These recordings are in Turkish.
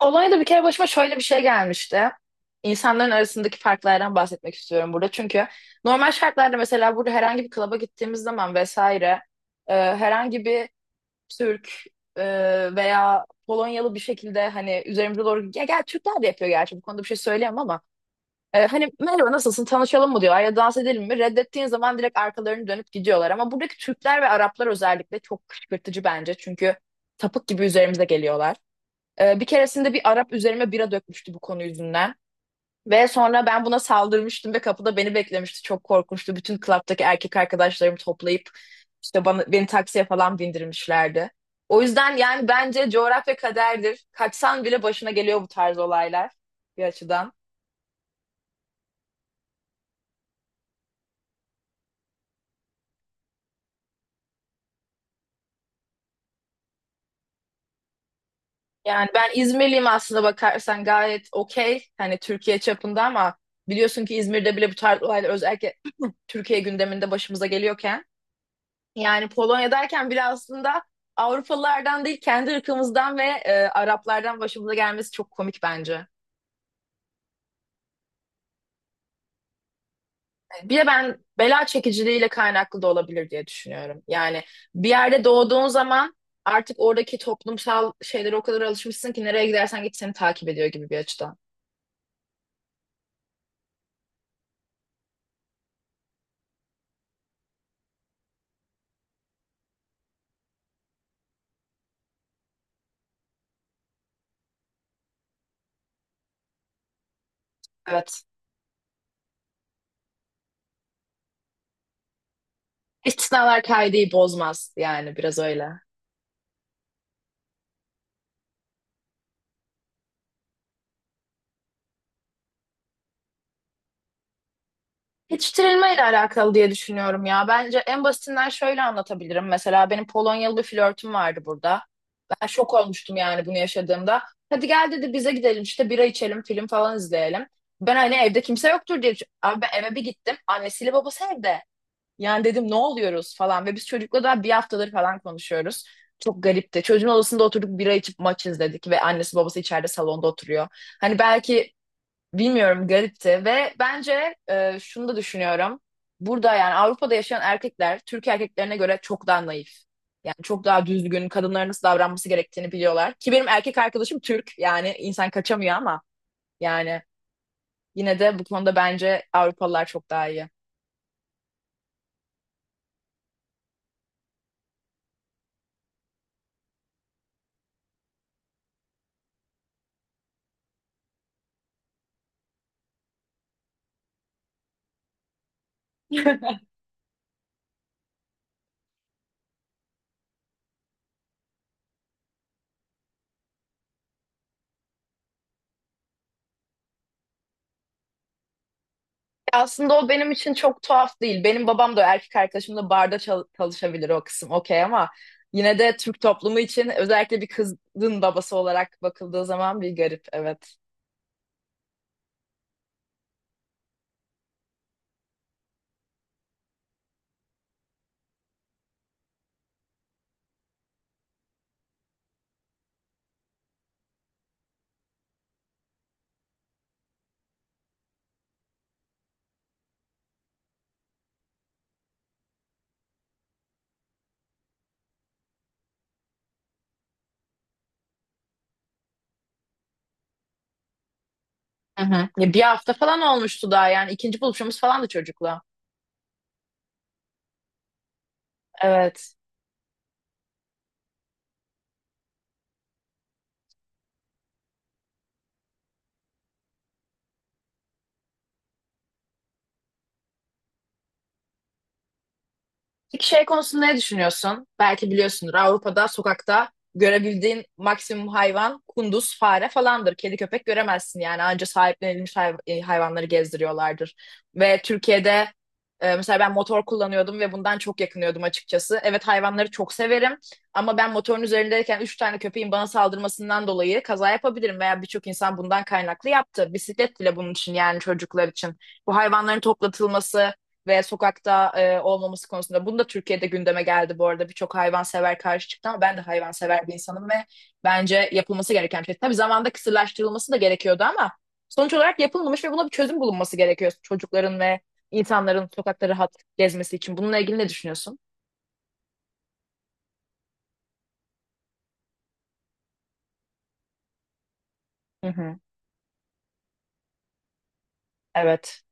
Olayda bir kere başıma şöyle bir şey gelmişti. İnsanların arasındaki farklardan bahsetmek istiyorum burada. Çünkü normal şartlarda mesela burada herhangi bir klaba gittiğimiz zaman vesaire herhangi bir Türk e, veya Polonyalı bir şekilde hani üzerimize doğru ya gel Türkler de yapıyor gerçi bu konuda bir şey söyleyemem ama hani merhaba nasılsın tanışalım mı diyorlar ya dans edelim mi reddettiğin zaman direkt arkalarını dönüp gidiyorlar ama buradaki Türkler ve Araplar özellikle çok kışkırtıcı bence çünkü tapık gibi üzerimize geliyorlar. Bir keresinde bir Arap üzerime bira dökmüştü bu konu yüzünden. Ve sonra ben buna saldırmıştım ve kapıda beni beklemişti. Çok korkunçtu. Bütün klaptaki erkek arkadaşlarımı toplayıp işte beni taksiye falan bindirmişlerdi. O yüzden yani bence coğrafya kaderdir. Kaçsan bile başına geliyor bu tarz olaylar bir açıdan. Yani ben İzmirliyim aslında bakarsan gayet okey. Hani Türkiye çapında ama biliyorsun ki İzmir'de bile bu tarz olaylar özellikle Türkiye gündeminde başımıza geliyorken yani Polonya derken bile aslında Avrupalılardan değil kendi ırkımızdan ve Araplardan başımıza gelmesi çok komik bence. Bir de ben bela çekiciliğiyle kaynaklı da olabilir diye düşünüyorum. Yani bir yerde doğduğun zaman artık oradaki toplumsal şeylere o kadar alışmışsın ki nereye gidersen git seni takip ediyor gibi bir açıdan. Evet. İstisnalar kaideyi bozmaz yani biraz öyle. Yetiştirilmeyle alakalı diye düşünüyorum ya. Bence en basitinden şöyle anlatabilirim. Mesela benim Polonyalı bir flörtüm vardı burada. Ben şok olmuştum yani bunu yaşadığımda. Hadi gel dedi bize gidelim işte bira içelim, film falan izleyelim. Ben hani evde kimse yoktur diye abi ben eve bir gittim. Annesiyle babası evde. Yani dedim ne oluyoruz falan. Ve biz çocukla daha bir haftadır falan konuşuyoruz. Çok garipti. Çocuğun odasında oturduk bira içip maç izledik. Ve annesi babası içeride salonda oturuyor. Hani belki Bilmiyorum, garipti ve bence şunu da düşünüyorum. Burada yani Avrupa'da yaşayan erkekler Türk erkeklerine göre çok daha naif. Yani çok daha düzgün, kadınların nasıl davranması gerektiğini biliyorlar. Ki benim erkek arkadaşım Türk yani insan kaçamıyor ama yani yine de bu konuda bence Avrupalılar çok daha iyi. Aslında o benim için çok tuhaf değil. Benim babam da erkek arkadaşım da barda çalışabilir, o kısım okey ama yine de Türk toplumu için özellikle bir kızın babası olarak bakıldığı zaman bir garip, evet. Hı hı. Ya bir hafta falan olmuştu daha yani ikinci buluşumuz falan da çocukla. Evet. Peki şey konusunda ne düşünüyorsun? Belki biliyorsundur, Avrupa'da sokakta görebildiğin maksimum hayvan kunduz, fare falandır. Kedi köpek göremezsin yani, anca sahiplenilmiş hayvanları gezdiriyorlardır. Ve Türkiye'de mesela ben motor kullanıyordum ve bundan çok yakınıyordum açıkçası. Evet hayvanları çok severim ama ben motorun üzerindeyken üç tane köpeğin bana saldırmasından dolayı kaza yapabilirim veya birçok insan bundan kaynaklı yaptı. Bisiklet bile bunun için, yani çocuklar için. Bu hayvanların toplatılması ve sokakta olmaması konusunda. Bunu da Türkiye'de gündeme geldi bu arada. Birçok hayvansever karşı çıktı ama ben de hayvansever bir insanım ve bence yapılması gereken bir şey. Tabii zamanda kısırlaştırılması da gerekiyordu ama sonuç olarak yapılmamış ve buna bir çözüm bulunması gerekiyor çocukların ve insanların sokakta rahat gezmesi için. Bununla ilgili ne düşünüyorsun? Hı hı. Evet.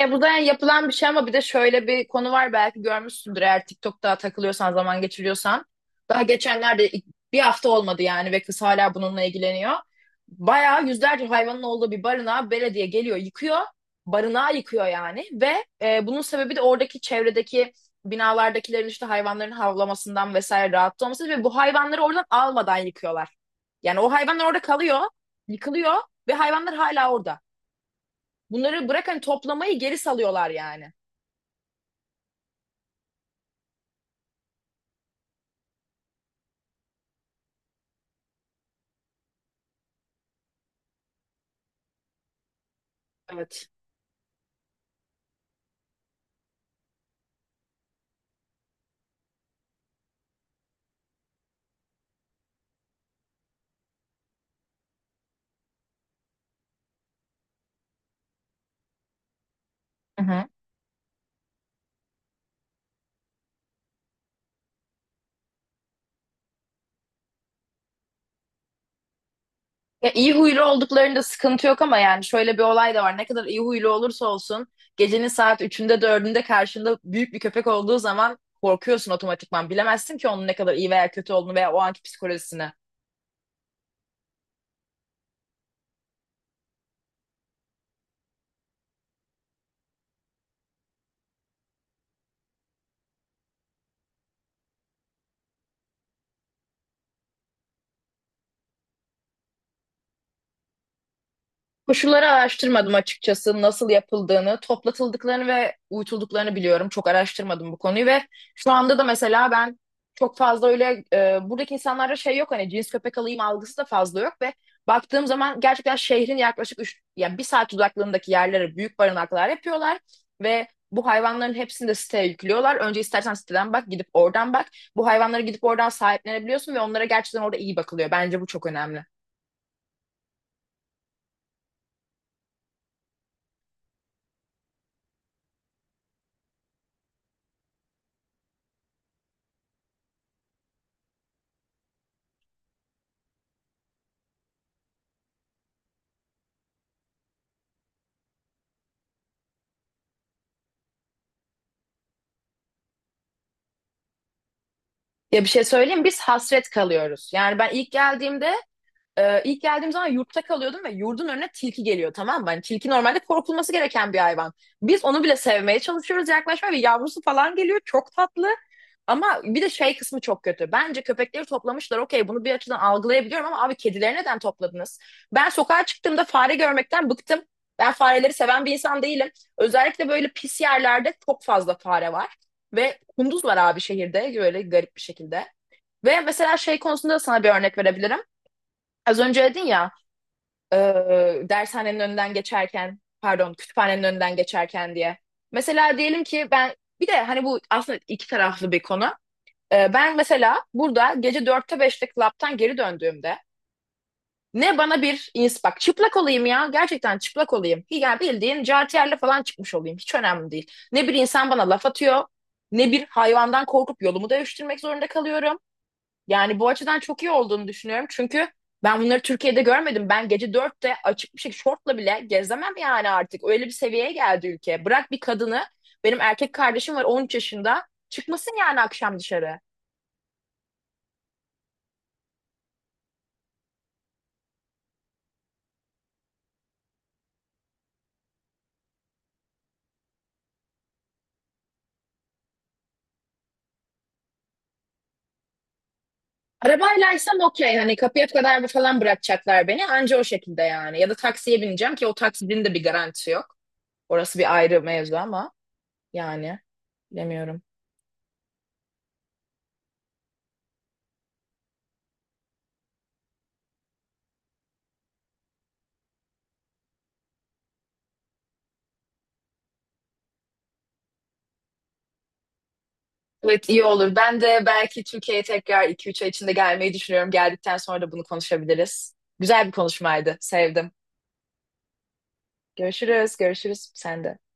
Bu da yani yapılan bir şey ama bir de şöyle bir konu var, belki görmüşsündür eğer TikTok'ta takılıyorsan, zaman geçiriyorsan. Daha geçenlerde bir hafta olmadı yani ve kız hala bununla ilgileniyor. Bayağı yüzlerce hayvanın olduğu bir barınağa belediye geliyor, yıkıyor. Barınağı yıkıyor yani ve bunun sebebi de oradaki çevredeki binalardakilerin işte hayvanların havlamasından vesaire rahatsız olması ve bu hayvanları oradan almadan yıkıyorlar. Yani o hayvanlar orada kalıyor, yıkılıyor ve hayvanlar hala orada. Bunları bırakın toplamayı, geri salıyorlar yani. Evet. Hı hı. Ya iyi huylu olduklarında sıkıntı yok ama yani şöyle bir olay da var. Ne kadar iyi huylu olursa olsun gecenin saat üçünde dördünde karşında büyük bir köpek olduğu zaman korkuyorsun otomatikman. Bilemezsin ki onun ne kadar iyi veya kötü olduğunu veya o anki psikolojisini. Koşulları araştırmadım açıkçası, nasıl yapıldığını, toplatıldıklarını ve uyutulduklarını biliyorum. Çok araştırmadım bu konuyu ve şu anda da mesela ben çok fazla öyle buradaki insanlarda şey yok, hani cins köpek alayım algısı da fazla yok ve baktığım zaman gerçekten şehrin yaklaşık üç, yani bir saat uzaklığındaki yerlere büyük barınaklar yapıyorlar ve bu hayvanların hepsini de siteye yüklüyorlar. Önce istersen siteden bak, gidip oradan bak. Bu hayvanları gidip oradan sahiplenebiliyorsun ve onlara gerçekten orada iyi bakılıyor. Bence bu çok önemli. Ya bir şey söyleyeyim, biz hasret kalıyoruz. Yani ben ilk geldiğimde, e, ilk geldiğim zaman yurtta kalıyordum ve yurdun önüne tilki geliyor, tamam mı? Hani tilki normalde korkulması gereken bir hayvan. Biz onu bile sevmeye çalışıyoruz, yaklaşmaya ve yavrusu falan geliyor, çok tatlı. Ama bir de şey kısmı çok kötü. Bence köpekleri toplamışlar, okey, bunu bir açıdan algılayabiliyorum ama abi kedileri neden topladınız? Ben sokağa çıktığımda fare görmekten bıktım. Ben fareleri seven bir insan değilim. Özellikle böyle pis yerlerde çok fazla fare var. Ve kunduz var abi şehirde böyle garip bir şekilde. Ve mesela şey konusunda da sana bir örnek verebilirim. Az önce dedin ya e, dershanenin önünden geçerken, pardon, kütüphanenin önünden geçerken diye. Mesela diyelim ki ben bir de hani bu aslında iki taraflı bir konu. E, ben mesela burada gece dörtte beşte klaptan geri döndüğümde ne bana bir bak çıplak olayım ya, gerçekten çıplak olayım. Yani bildiğin jartiyerle falan çıkmış olayım, hiç önemli değil. Ne bir insan bana laf atıyor ne bir hayvandan korkup yolumu değiştirmek zorunda kalıyorum. Yani bu açıdan çok iyi olduğunu düşünüyorum. Çünkü ben bunları Türkiye'de görmedim. Ben gece dörtte açık bir şey, şortla bile gezemem yani artık. Öyle bir seviyeye geldi ülke. Bırak bir kadını, benim erkek kardeşim var, 13 yaşında. Çıkmasın yani akşam dışarı. Arabaylaysam okey, hani kapıya kadar falan bırakacaklar beni, anca o şekilde yani. Ya da taksiye bineceğim ki o taksinin de bir garantisi yok. Orası bir ayrı mevzu ama yani bilemiyorum. Evet, iyi olur. Ben de belki Türkiye'ye tekrar 2-3 ay içinde gelmeyi düşünüyorum. Geldikten sonra da bunu konuşabiliriz. Güzel bir konuşmaydı, sevdim. Görüşürüz, görüşürüz. Sen de.